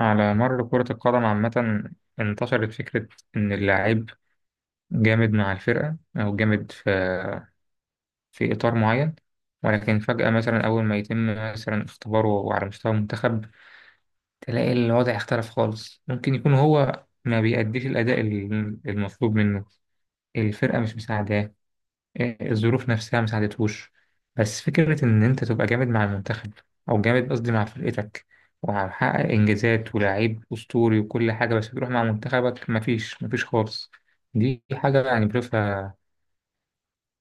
على مر كرة القدم عامة انتشرت فكرة إن اللاعب جامد مع الفرقة، أو جامد في إطار معين. ولكن فجأة مثلا أول ما يتم مثلا اختباره على مستوى المنتخب تلاقي الوضع اختلف خالص. ممكن يكون هو ما بيأديش الأداء المطلوب منه، الفرقة مش مساعداه، الظروف نفسها ما ساعدتهوش. بس فكرة إن أنت تبقى جامد مع المنتخب، أو جامد قصدي مع فرقتك، وهحقق إنجازات ولاعيب أسطوري وكل حاجة، بس تروح مع منتخبك مفيش خالص. دي حاجة يعني بشوفها،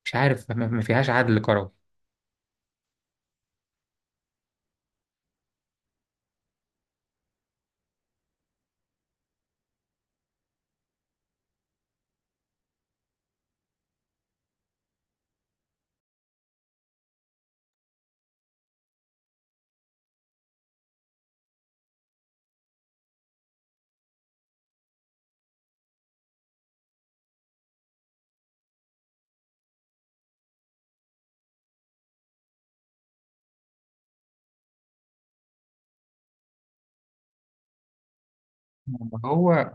مش عارف ما فيهاش عدل كروي. ما هو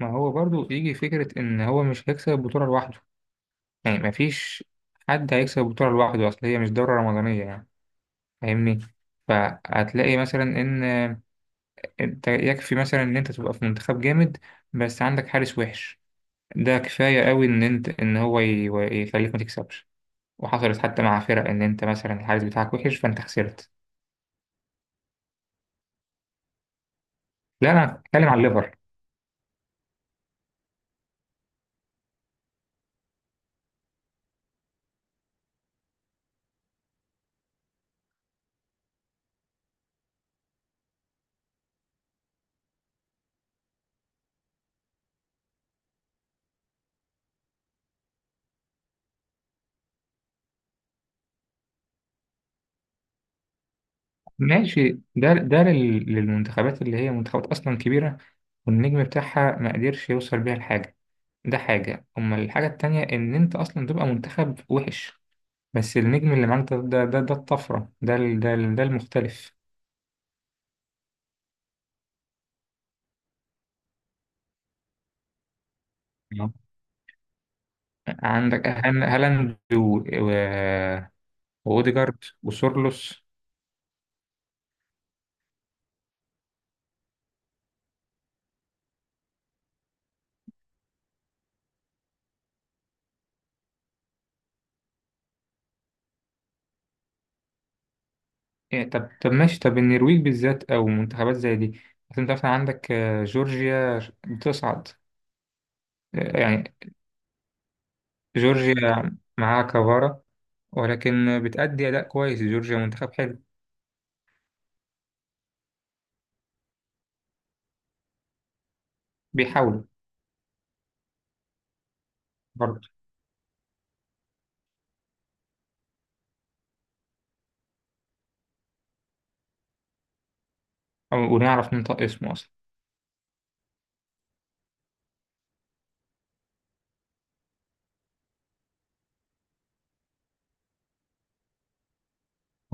ما هو برضو يجي فكرة إن هو مش هيكسب البطولة لوحده، يعني مفيش حد هيكسب البطولة لوحده، أصل هي مش دورة رمضانية يعني. فاهمني؟ فهتلاقي مثلا إن انت يكفي مثلا ان انت تبقى في منتخب جامد بس عندك حارس وحش. ده كفاية قوي ان انت ان هو يخليك ما تكسبش. وحصلت حتى مع فرق، ان انت مثلا الحارس بتاعك وحش فانت خسرت. لا، انا بتكلم على الليفر. ماشي، للمنتخبات اللي هي منتخبات اصلا كبيرة والنجم بتاعها ما قدرش يوصل بيها لحاجة. ده حاجة. أما الحاجة التانية إن أنت أصلا تبقى منتخب وحش بس النجم اللي معاك ده الطفرة، ده المختلف. عندك هالاند واوديجارد وسورلوس. طب ماشي، طب النرويج بالذات او منتخبات زي دي. أصل انت مثلا عندك جورجيا بتصعد، يعني جورجيا معاها كفارة، ولكن بتأدي أداء كويس. جورجيا منتخب حلو، بيحاولوا. برضه ونعرف ننطق اسمه أصلا.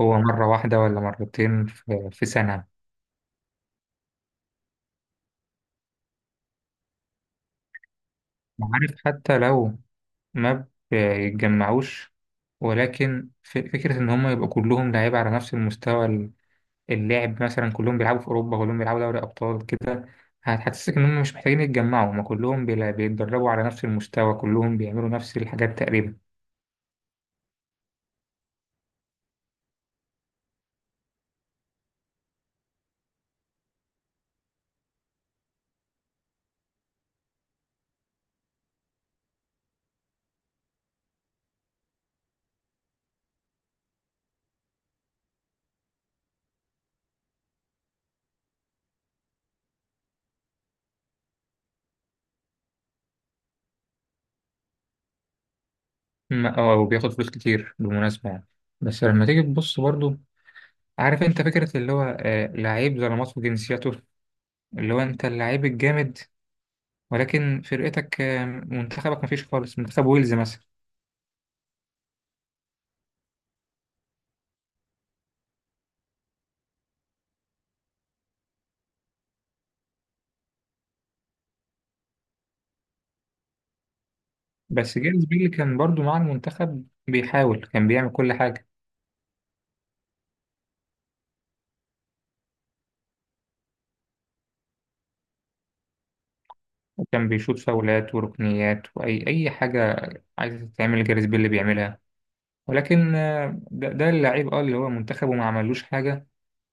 هو مرة واحدة ولا مرتين في سنة. عارف، حتى لو ما بيتجمعوش، ولكن فكرة إن هم يبقوا كلهم لعيبة على نفس المستوى. اللعب مثلا كلهم بيلعبوا في أوروبا، كلهم بيلعبوا دوري أبطال كده، هتحسسك إن هم مش محتاجين يتجمعوا. هم كلهم بيتدربوا على نفس المستوى، كلهم بيعملوا نفس الحاجات تقريبا. أو بياخد فلوس كتير بالمناسبة يعني. بس لما تيجي تبص برضو، عارف أنت فكرة اللي هو لعيب ظلمات في جنسيته، اللي هو أنت اللعيب الجامد، ولكن فرقتك منتخبك مفيش خالص. منتخب ويلز مثلا. بس جيمس بيلي كان برضو مع المنتخب بيحاول، كان بيعمل كل حاجة، وكان بيشوط فاولات وركنيات وأي أي حاجة عايزة تتعمل جيمس بيلي بيعملها. ولكن ده اللعيب اللي هو منتخبه ما عملوش حاجة.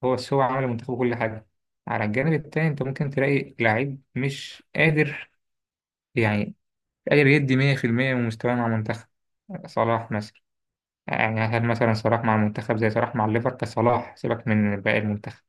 هو بس هو عمل منتخبه كل حاجة. على الجانب التاني انت ممكن تلاقي لعيب مش قادر، يعني قادر يدي 100% من مستواه مع منتخب. صلاح مثلا، يعني هل مثلا صلاح مع المنتخب زي صلاح مع الليفر كصلاح؟ سيبك من باقي المنتخب.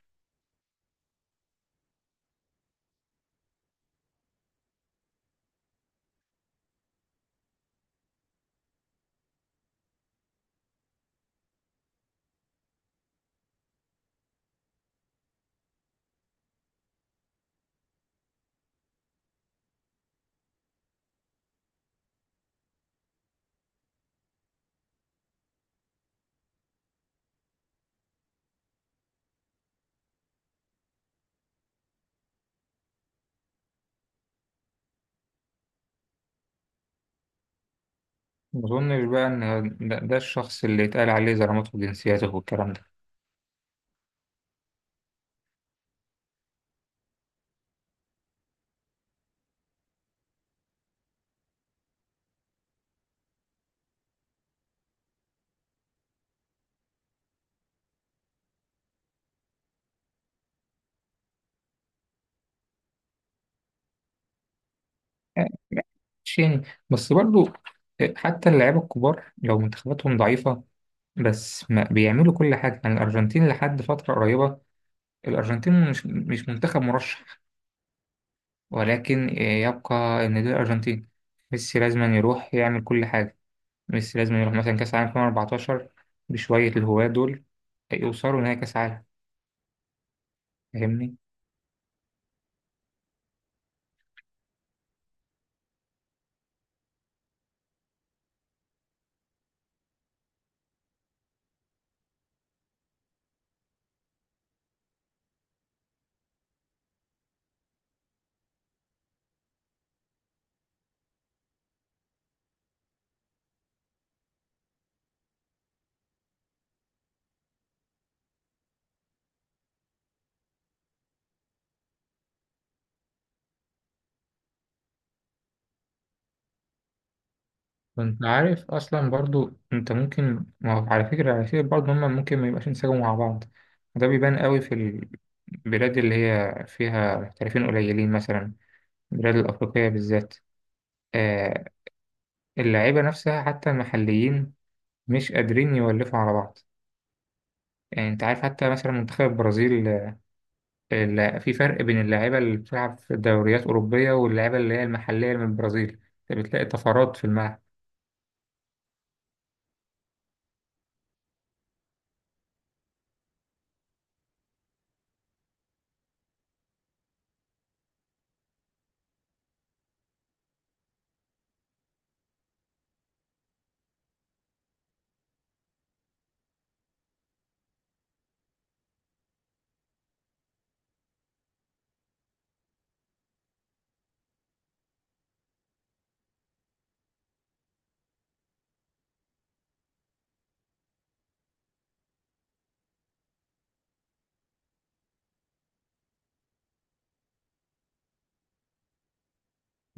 ما أظنش بقى إن ده الشخص اللي يتقال عليه زلمته وجنسيته والكلام ده. يعني ماشي يعني، بس برضو حتى اللعيبة الكبار لو منتخباتهم ضعيفة بس ما بيعملوا كل حاجة. يعني الأرجنتين لحد فترة قريبة، الأرجنتين مش منتخب مرشح، ولكن يبقى إن دي الأرجنتين، ميسي لازم يروح يعمل كل حاجة. ميسي لازم يروح مثلا كأس العالم 2014 بشوية الهواة دول يوصلوا نهائي كأس عالم. فاهمني؟ وانت عارف اصلا برضو انت ممكن، ما هو على فكره برضو هما ممكن ما يبقاش انسجموا مع بعض. وده بيبان قوي في البلاد اللي هي فيها محترفين قليلين، مثلا البلاد الافريقيه بالذات. آه اللعيبه نفسها حتى المحليين مش قادرين يولفوا على بعض. يعني انت عارف حتى مثلا منتخب البرازيل، في فرق بين اللعيبه اللي بتلعب في دوريات اوروبيه واللعيبه اللي هي المحليه من البرازيل، انت بتلاقي طفرات في الملعب.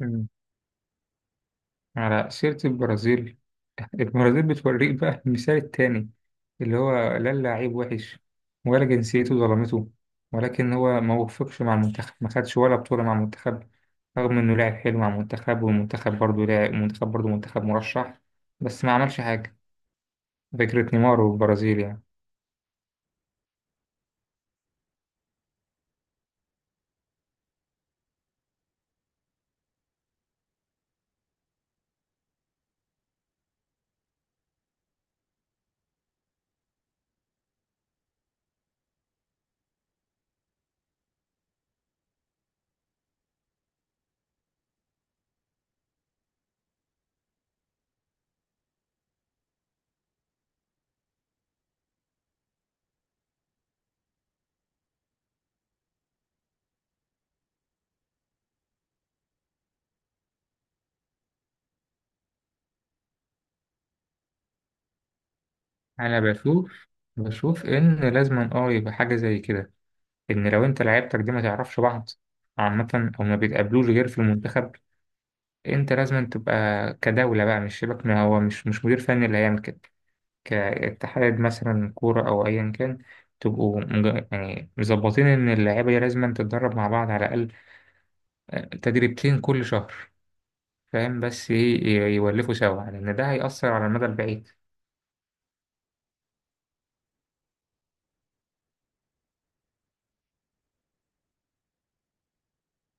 مم. على سيره البرازيل، البرازيل بتوريك بقى المثال التاني، اللي هو لا اللاعب وحش ولا جنسيته ظلمته، ولكن هو ما وفقش مع المنتخب، ما خدش ولا بطولة مع المنتخب رغم إنه لاعب حلو مع المنتخب. والمنتخب برضه لاعب، المنتخب برضه منتخب مرشح بس ما عملش حاجة. فكرة نيمار والبرازيل يعني. أنا بشوف، إن لازم أه يبقى حاجة زي كده. إن لو أنت لعيبتك دي ما تعرفش بعض عامة، أو ما بيتقابلوش غير في المنتخب، انت لازم تبقى كدولة بقى. مش شبك، ما هو مش مدير فني اللي هيعمل كده. كاتحاد مثلا كورة او ايا كان، تبقوا يعني مظبطين ان اللعيبة دي لازم تتدرب مع بعض على الاقل تدريبتين كل شهر. فاهم؟ بس يولفوا سوا لان ده هيأثر على المدى البعيد.